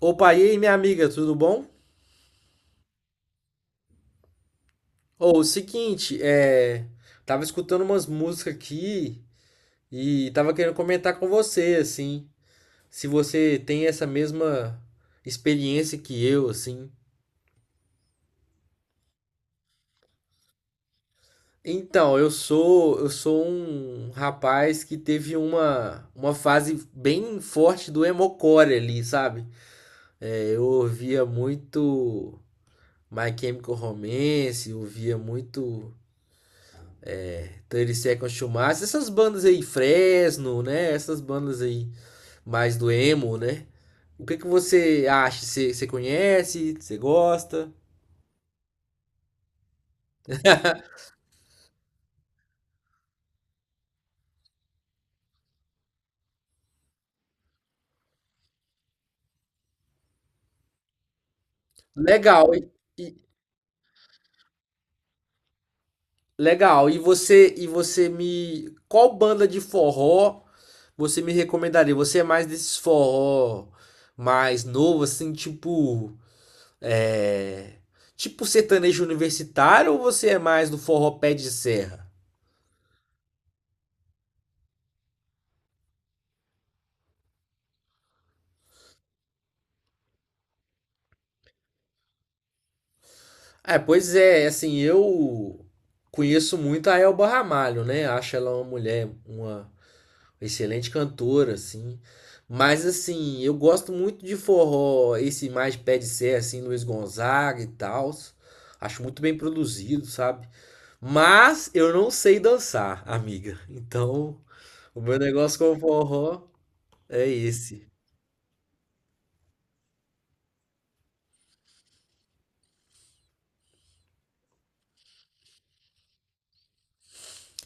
Opa, e aí, minha amiga, tudo bom? Ô, o seguinte, Tava escutando umas músicas aqui e tava querendo comentar com você, assim, se você tem essa mesma experiência que eu, assim. Eu sou um rapaz que teve uma fase bem forte do emocore ali, sabe? Eu ouvia muito My Chemical Romance, eu ouvia muito 30 Seconds to Mars, essas bandas aí, Fresno, né? Essas bandas aí mais do emo, né? O que que você acha? Você conhece? Você gosta? Legal. E- legal. E você me qual banda de forró você me recomendaria? Você é mais desses forró mais novo assim, tipo é, tipo sertanejo universitário ou você é mais do forró pé de serra? É, pois é, assim, eu conheço muito a Elba Ramalho, né? Acho ela uma mulher, uma excelente cantora, assim. Mas, assim, eu gosto muito de forró, esse mais pé de serra, assim, Luiz Gonzaga e tal. Acho muito bem produzido, sabe? Mas eu não sei dançar, amiga. Então, o meu negócio com o forró é esse.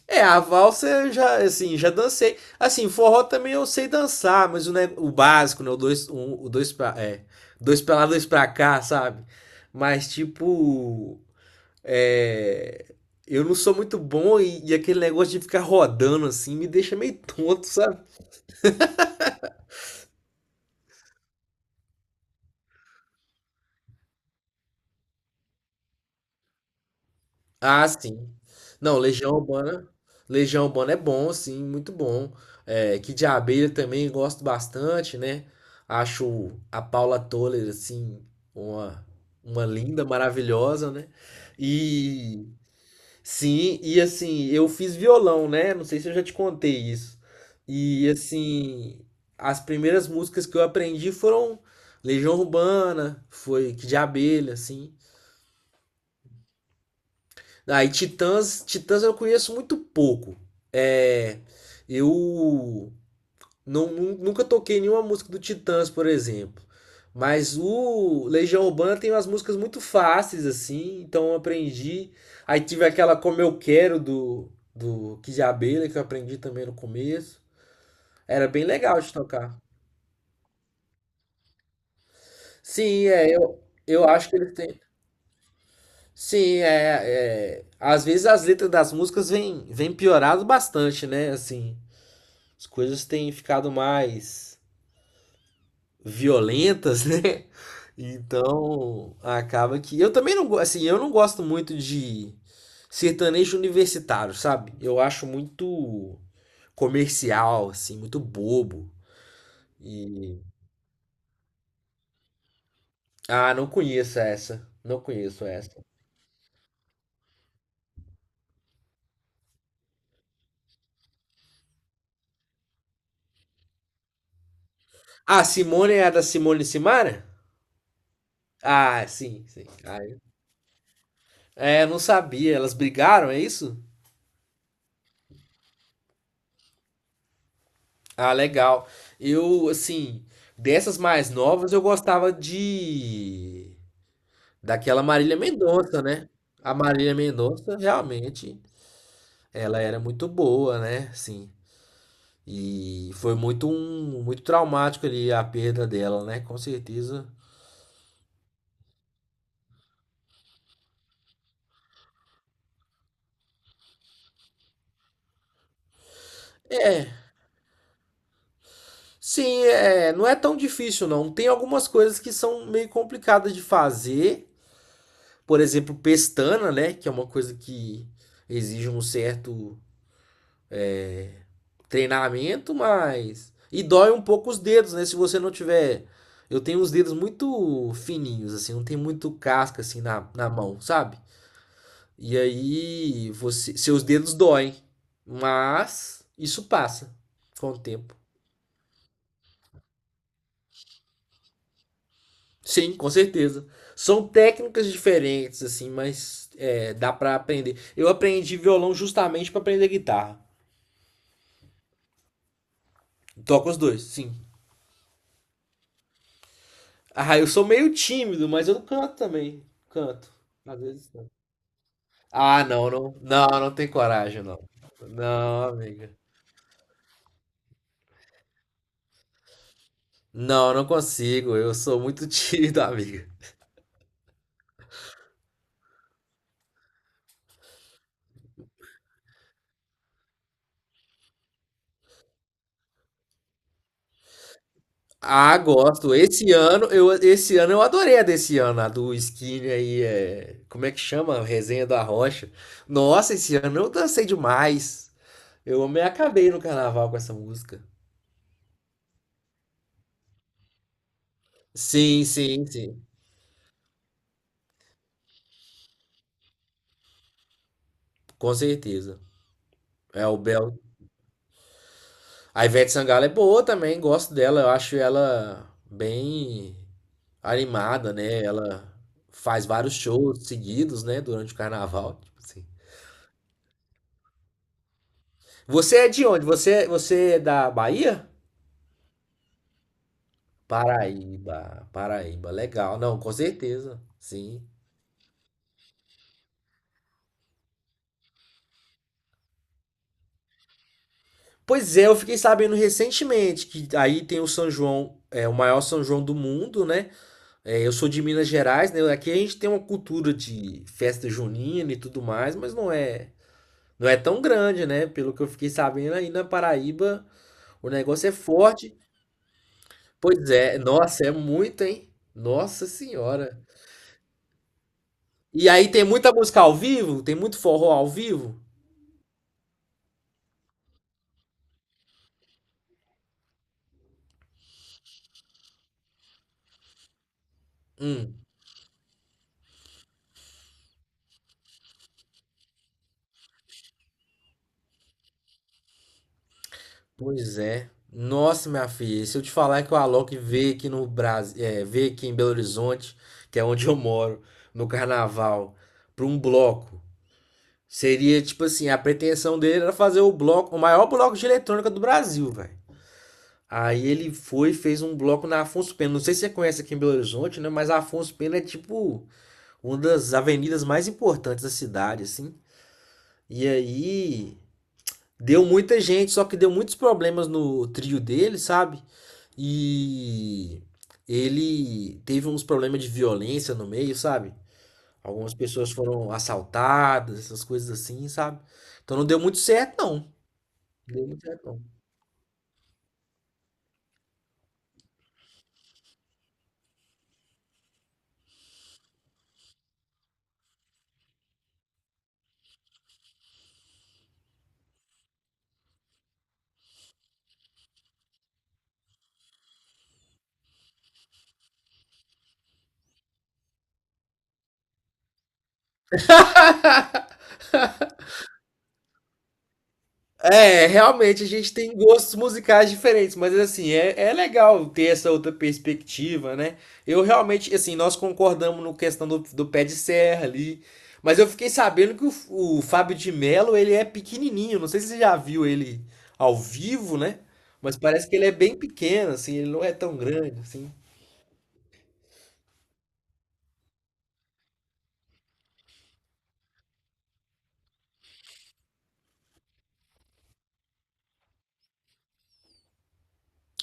É, a valsa eu já, assim, já dancei. Assim, forró também eu sei dançar, mas o básico, né? O dois, um, o dois dois pra lá, dois pra cá, sabe? Mas, tipo, é, eu não sou muito bom e aquele negócio de ficar rodando, assim, me deixa meio tonto, sabe? Ah, sim. Não, Legião Urbana. Legião Urbana é bom, sim, muito bom. É, Kid Abelha também gosto bastante, né? Acho a Paula Toller, assim, uma, uma linda, maravilhosa, né? E sim, e assim, eu fiz violão, né? Não sei se eu já te contei isso. E assim, as primeiras músicas que eu aprendi foram Legião Urbana, foi Kid Abelha, assim. Aí, Titãs, Titãs eu conheço muito pouco. É, eu nunca toquei nenhuma música do Titãs, por exemplo. Mas o Legião Urbana tem umas músicas muito fáceis, assim, então eu aprendi. Aí tive aquela Como Eu Quero do Kid Abelha, que eu aprendi também no começo. Era bem legal de tocar. Sim, é, eu acho que eles têm. Sim, é, é. Às vezes as letras das músicas vêm piorado bastante, né? Assim. As coisas têm ficado mais violentas, né? Então, acaba que eu também assim, eu não gosto muito de sertanejo universitário, sabe? Eu acho muito comercial, assim, muito bobo. E ah, não conheço essa. Não conheço essa. Ah, Simone é a da Simone e Simara? Ah, sim, sim. Ah, é, não sabia. Elas brigaram, é isso? Ah, legal. Eu, assim, dessas mais novas eu gostava de daquela Marília Mendonça, né? A Marília Mendonça realmente ela era muito boa, né? Sim. E foi muito muito traumático ali a perda dela, né? Com certeza. É, sim, é, não é tão difícil não. Tem algumas coisas que são meio complicadas de fazer. Por exemplo, pestana, né? Que é uma coisa que exige um certo treinamento, mas. E dói um pouco os dedos, né? Se você não tiver. Eu tenho os dedos muito fininhos, assim, não tem muito casca assim na mão, sabe? E aí você, seus dedos doem, mas isso passa com o tempo. Sim, com certeza. São técnicas diferentes, assim, mas é, dá pra aprender. Eu aprendi violão justamente pra aprender guitarra. Toco os dois, sim. Ah, eu sou meio tímido, mas eu canto também. Canto. Às vezes canto. Ah, não, tem coragem, não. Não, amiga. Não, não consigo. Eu sou muito tímido, amiga. Ah, gosto. Esse ano, esse ano eu adorei a desse ano, a do Skinny aí, é, como é que chama? Resenha da Rocha. Nossa, esse ano eu dancei demais. Eu me acabei no carnaval com essa música. Sim, sim, sim. Com certeza. É o Bel. A Ivete Sangalo é boa também, gosto dela, eu acho ela bem animada, né? Ela faz vários shows seguidos, né, durante o carnaval, tipo assim. Você é de onde? Você é da Bahia? Paraíba, Paraíba, legal. Não, com certeza, sim. Pois é, eu fiquei sabendo recentemente que aí tem o São João, é o maior São João do mundo, né? É, eu sou de Minas Gerais, né? Aqui a gente tem uma cultura de festa junina e tudo mais, mas não é tão grande, né? Pelo que eu fiquei sabendo, aí na Paraíba o negócio é forte. Pois é, nossa, é muito, hein? Nossa Senhora. E aí tem muita música ao vivo? Tem muito forró ao vivo? Hum, pois é. Nossa, minha filha, se eu te falar que o Alok veio aqui no Brasil, é, veio aqui em Belo Horizonte, que é onde eu moro, no carnaval, para um bloco. Seria tipo assim, a pretensão dele era fazer o bloco, o maior bloco de eletrônica do Brasil, velho. Aí ele foi e fez um bloco na Afonso Pena. Não sei se você conhece aqui em Belo Horizonte, né? Mas a Afonso Pena é tipo uma das avenidas mais importantes da cidade, assim. E aí deu muita gente, só que deu muitos problemas no trio dele, sabe? E ele teve uns problemas de violência no meio, sabe? Algumas pessoas foram assaltadas, essas coisas assim, sabe? Então não deu muito certo, não. Deu muito certo, não. É, realmente a gente tem gostos musicais diferentes, mas assim, é, é legal ter essa outra perspectiva, né? Eu realmente, assim, nós concordamos no questão do pé de serra ali, mas eu fiquei sabendo que o Fábio de Melo, ele é pequenininho, não sei se você já viu ele ao vivo, né? Mas parece que ele é bem pequeno, assim, ele não é tão grande, assim.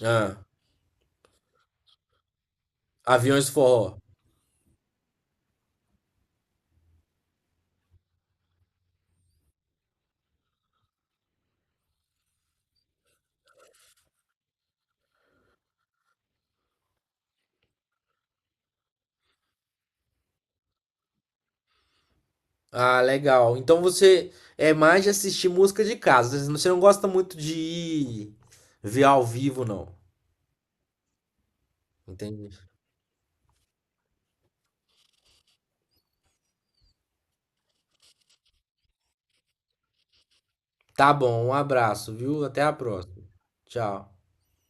Ah, Aviões do Forró. Ah, legal. Então você é mais de assistir música de casa, você não gosta muito de ir ver ao vivo, não. Entendi. Tá bom, um abraço, viu? Até a próxima. Tchau.